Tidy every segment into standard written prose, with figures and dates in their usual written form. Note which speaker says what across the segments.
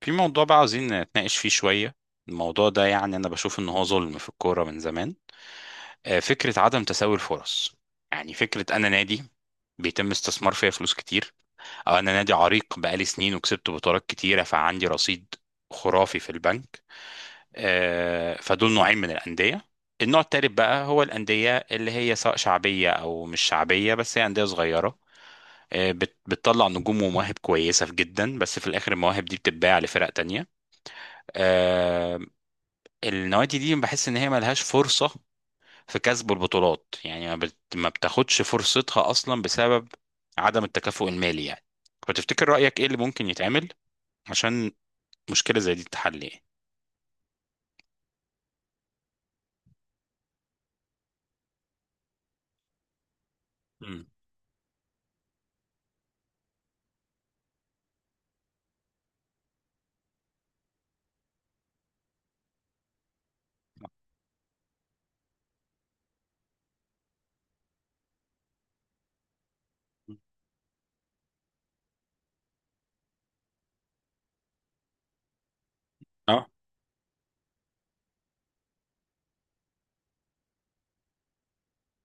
Speaker 1: في موضوع بقى عاوزين نتناقش فيه شوية. الموضوع ده يعني أنا بشوف إن هو ظلم في الكورة من زمان. فكرة عدم تساوي الفرص، يعني فكرة أنا نادي بيتم استثمار فيا فلوس كتير، أو أنا نادي عريق بقالي سنين وكسبت بطولات كتيرة فعندي رصيد خرافي في البنك. فدول نوعين من الأندية. النوع التالت بقى هو الأندية اللي هي سواء شعبية أو مش شعبية، بس هي أندية صغيرة. بتطلع نجوم ومواهب كويسة جدا، بس في الآخر المواهب دي بتتباع لفرق تانية. آه، النوادي دي بحس ان هي ملهاش فرصة في كسب البطولات، يعني ما بتاخدش فرصتها اصلا بسبب عدم التكافؤ المالي يعني. فتفتكر رأيك ايه اللي ممكن يتعمل عشان مشكلة زي دي تتحل يعني؟ مم. اه.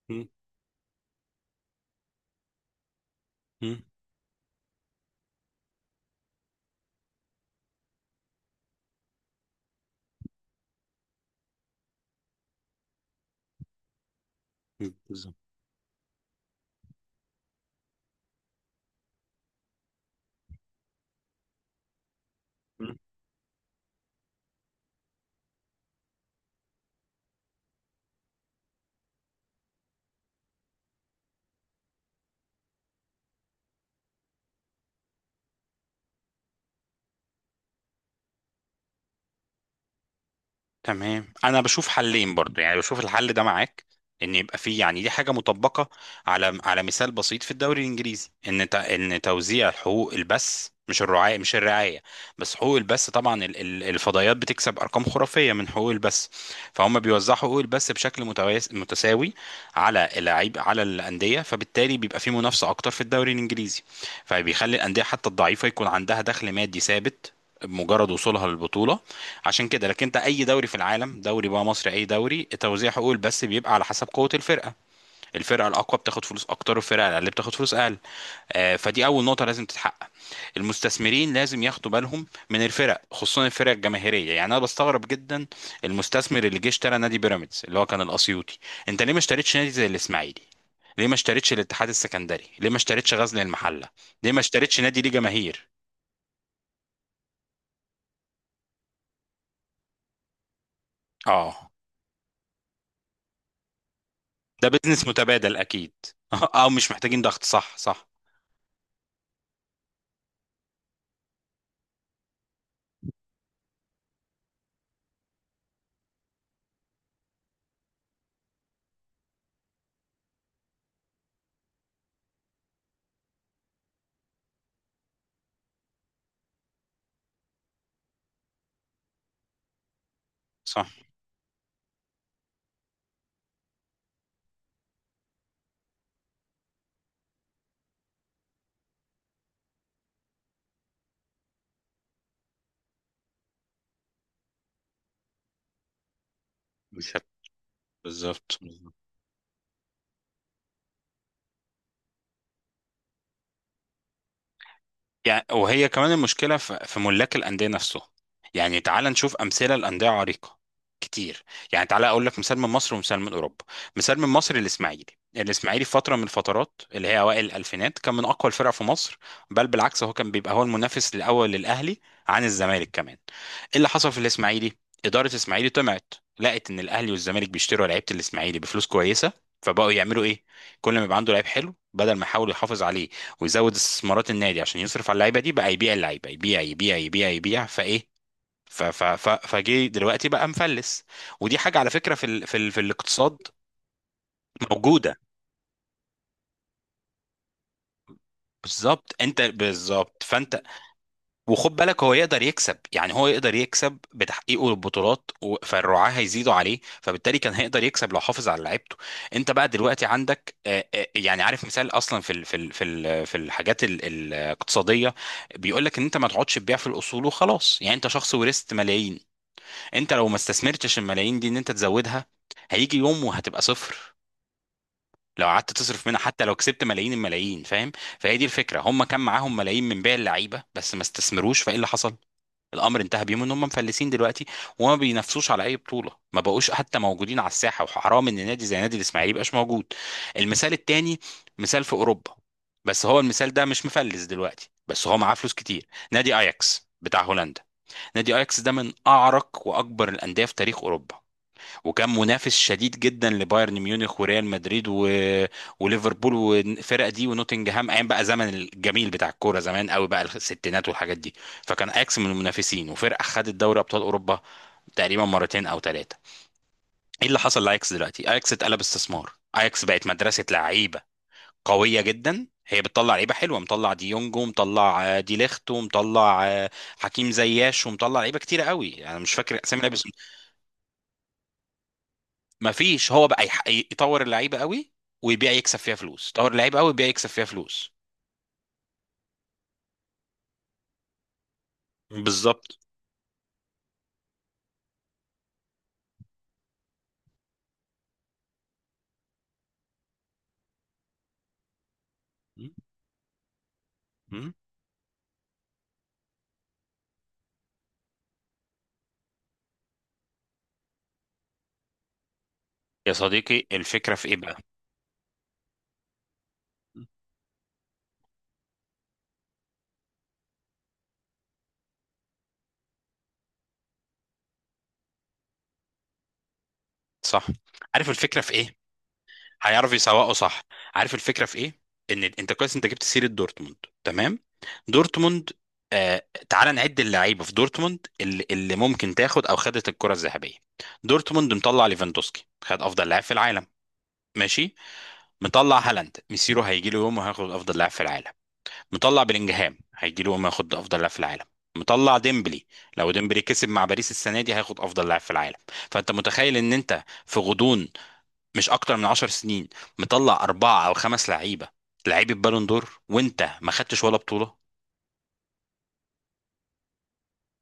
Speaker 1: مم. مم. بالظبط. تمام، انا بشوف حلين برضو، يعني بشوف الحل ده معاك، ان يبقى فيه، يعني دي حاجه مطبقه على على مثال بسيط في الدوري الانجليزي، ان ان توزيع حقوق البث، مش الرعايه مش الرعايه، بس حقوق البث. طبعا الفضائيات بتكسب ارقام خرافيه من حقوق البث، فهم بيوزعوا حقوق البث بشكل متساوي على اللاعب على الانديه، فبالتالي بيبقى في منافسه اكتر في الدوري الانجليزي، فبيخلي الانديه حتى الضعيفه يكون عندها دخل مادي ثابت بمجرد وصولها للبطوله عشان كده. لكن انت اي دوري في العالم، دوري بقى مصري اي دوري، توزيع حقوق البث بيبقى على حسب قوه الفرقه، الفرقه الاقوى بتاخد فلوس اكتر والفرقه الاقل بتاخد فلوس اقل. فدي اول نقطه لازم تتحقق. المستثمرين لازم ياخدوا بالهم من الفرق، خصوصا الفرق الجماهيريه. يعني انا بستغرب جدا المستثمر اللي جه اشترى نادي بيراميدز اللي هو كان الاسيوطي، انت ليه ما اشتريتش نادي زي الاسماعيلي؟ ليه ما اشتريتش الاتحاد السكندري؟ ليه ما اشتريتش غزل المحله؟ ليه ما اشتريتش نادي ليه جماهير؟ اه. ده بزنس متبادل اكيد. اه، مش محتاجين ضغط، صح، صح، صح. مش هت- بالظبط. يعني وهي كمان المشكلة في في ملاك الأندية نفسه. يعني تعال نشوف أمثلة لأندية عريقة كتير. يعني تعال أقول لك مثال من مصر ومثال من أوروبا. مثال من مصر الإسماعيلي. الإسماعيلي في فترة من الفترات اللي هي أوائل الألفينات كان من أقوى الفرق في مصر، بل بالعكس هو كان بيبقى هو المنافس الأول للأهلي عن الزمالك كمان. إيه اللي حصل في الإسماعيلي؟ إدارة الإسماعيلي طمعت، لقت إن الأهلي والزمالك بيشتروا لعيبة الإسماعيلي بفلوس كويسة، فبقوا يعملوا إيه؟ كل ما يبقى عنده لعيب حلو، بدل ما يحاولوا يحافظ عليه ويزود استثمارات النادي عشان يصرف على اللعيبه دي، بقى يبيع اللعيبه، يبيع يبيع يبيع يبيع، فايه؟ فجه دلوقتي بقى مفلس. ودي حاجه على فكره في الاقتصاد موجوده. بالظبط، انت بالظبط، فانت وخد بالك هو يقدر يكسب، يعني هو يقدر يكسب بتحقيقه للبطولات، فالرعاة هيزيدوا عليه، فبالتالي كان هيقدر يكسب لو حافظ على لعيبته. انت بقى دلوقتي عندك، يعني عارف، مثال اصلا في الحاجات الاقتصاديه بيقول لك ان انت ما تقعدش تبيع في الاصول وخلاص. يعني انت شخص ورثت ملايين، انت لو ما استثمرتش الملايين دي، ان انت تزودها، هيجي يوم وهتبقى صفر لو قعدت تصرف منها، حتى لو كسبت ملايين الملايين، فاهم؟ فهي دي الفكره، هم كان معاهم ملايين من بيع اللعيبه، بس ما استثمروش، فايه اللي حصل؟ الامر انتهى بيهم ان هم مفلسين دلوقتي وما بينافسوش على اي بطوله، ما بقوش حتى موجودين على الساحه، وحرام ان نادي زي نادي الاسماعيلي يبقاش موجود. المثال التاني، مثال في اوروبا، بس هو المثال ده مش مفلس دلوقتي، بس هو معاه فلوس كتير. نادي اياكس بتاع هولندا. نادي اياكس ده من اعرق واكبر الانديه في تاريخ اوروبا، وكان منافس شديد جدا لبايرن ميونخ وريال مدريد وليفربول والفرق دي ونوتنجهام، ايام بقى زمن الجميل بتاع الكوره زمان قوي بقى، الستينات والحاجات دي. فكان اياكس من المنافسين، وفرقه خدت دوري ابطال اوروبا تقريبا مرتين او ثلاثه. ايه اللي حصل لاياكس دلوقتي؟ اياكس اتقلب استثمار، اياكس بقت مدرسه لعيبه قويه جدا، هي بتطلع لعيبه حلوه، مطلع ديونج، ومطلع دي ليخت، ومطلع حكيم زياش، ومطلع لعيبه كتيره قوي، انا مش فاكر اسامي لعيبه. ما فيش، هو بقى يطور اللعيبه قوي ويبيع يكسب فيها فلوس، يطور اللعيبه قوي ويبيع يكسب فيها فلوس. بالظبط. م- م. يا صديقي، الفكره في ايه بقى؟ صح. عارف الفكره في ايه؟ هيعرف يسوقه، صح. عارف الفكره في ايه؟ ان انت كويس انت جبت سيره دورتموند، تمام، دورتموند. تعال نعد اللعيبه في دورتموند اللي ممكن تاخد او خدت الكره الذهبيه. دورتموند مطلع ليفاندوسكي، خد افضل لاعب في العالم، ماشي. مطلع هالاند، ميسيرو هيجي له يوم وهياخد افضل لاعب في العالم. مطلع بلينجهام، هيجي له ياخد افضل لاعب في العالم. مطلع ديمبلي، لو ديمبلي كسب مع باريس السنه دي هياخد افضل لاعب في العالم. فانت متخيل ان انت في غضون مش اكتر من 10 سنين مطلع اربعه او خمس لعيبه، لعيبه بالون دور، وانت ما خدتش ولا بطوله؟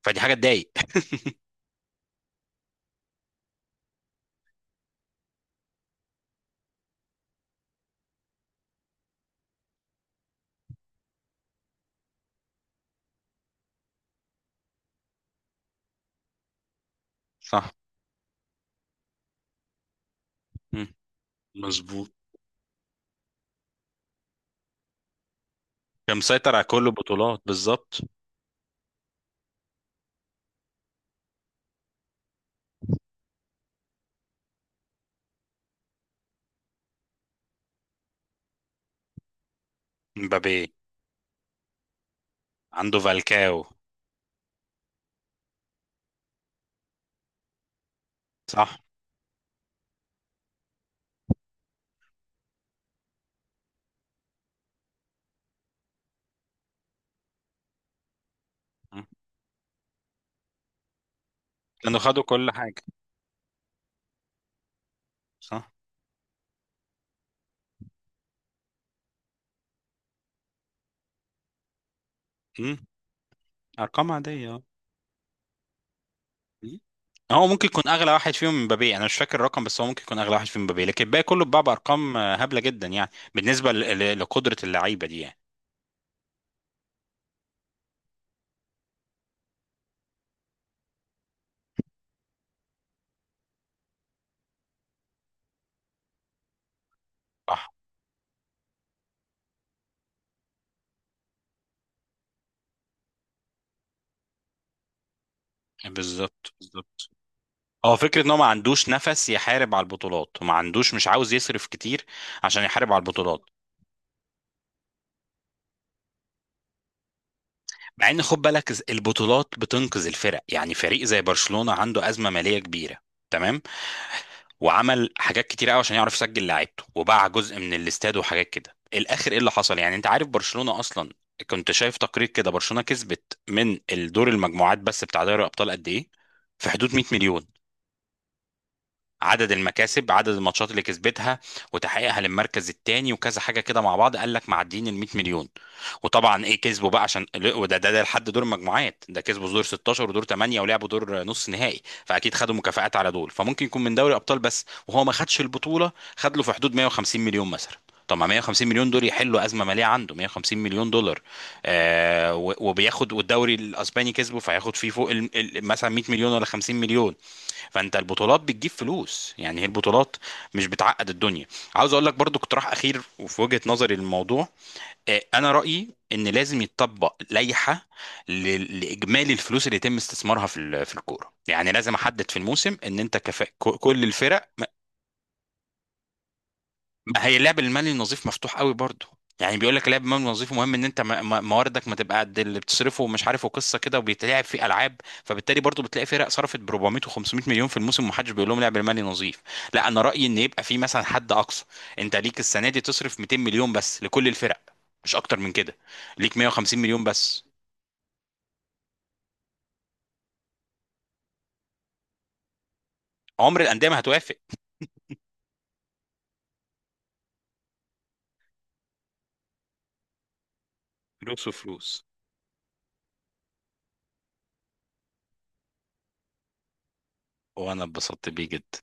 Speaker 1: فدي حاجه تضايق. صح. مم. مظبوط. كان مسيطر على كل البطولات، بالظبط. مبابي. عنده فالكاو. صح. مم. كانوا خدوا كل حاجه. صح. مم. ارقام عاديه. هو ممكن يكون اغلى واحد فيهم مبابي، انا مش فاكر الرقم، بس هو ممكن يكون اغلى واحد فيهم مبابي، لكن الباقي كله اتباع بارقام هبله جدا يعني بالنسبه لقدره اللعيبه دي يعني. صح. بالظبط بالظبط. هو فكره ان هو ما عندوش نفس يحارب على البطولات، وما عندوش، مش عاوز يصرف كتير عشان يحارب على البطولات. مع ان خد بالك البطولات بتنقذ الفرق، يعني فريق زي برشلونه عنده ازمه ماليه كبيره، تمام، وعمل حاجات كتير قوي عشان يعرف يسجل لعيبته، وباع جزء من الاستاد وحاجات كده الاخر. ايه اللي حصل؟ يعني انت عارف برشلونة اصلا، كنت شايف تقرير كده، برشلونة كسبت من الدور المجموعات بس بتاع دوري الابطال قد ايه؟ في حدود 100 مليون. عدد المكاسب، عدد الماتشات اللي كسبتها وتحقيقها للمركز الثاني وكذا حاجه كده مع بعض، قال لك معديين ال 100 مليون. وطبعا ايه كسبوا بقى، عشان وده ده ده لحد دور المجموعات ده، كسبوا دور 16 ودور 8 ولعبوا دور نص نهائي، فاكيد خدوا مكافآت على دول. فممكن يكون من دوري ابطال بس، وهو ما خدش البطوله، خد له في حدود 150 مليون مثلا. طب ما 150 مليون دول يحلوا ازمه ماليه، عنده 150 مليون دولار. وبياخد، والدوري الاسباني كسبه، فهياخد فيه فوق مثلا 100 مليون ولا 50 مليون. فانت البطولات بتجيب فلوس، يعني هي البطولات مش بتعقد الدنيا. عاوز اقول لك برضو اقتراح اخير، وفي وجهة نظري للموضوع، انا رأيي ان لازم يتطبق لائحة لاجمالي الفلوس اللي يتم استثمارها في الكورة. يعني لازم احدد في الموسم ان انت كل الفرق. ما هي اللعب المالي النظيف مفتوح قوي برضه، يعني بيقول لك اللعب المالي النظيف مهم ان انت مواردك ما تبقى قد اللي بتصرفه، ومش عارف، وقصه كده، وبيتلعب في العاب، فبالتالي برضه بتلاقي فرق صرفت ب 400 و500 مليون في الموسم ومحدش بيقول لهم لعب المالي نظيف. لا انا رايي ان يبقى في مثلا حد اقصى، انت ليك السنه دي تصرف 200 مليون بس لكل الفرق، مش اكتر من كده، ليك 150 مليون بس. عمر الانديه ما هتوافق. فلوس وفلوس. وانا اتبسطت بيه جدا.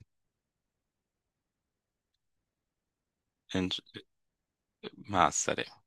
Speaker 1: إن- مع السلامه.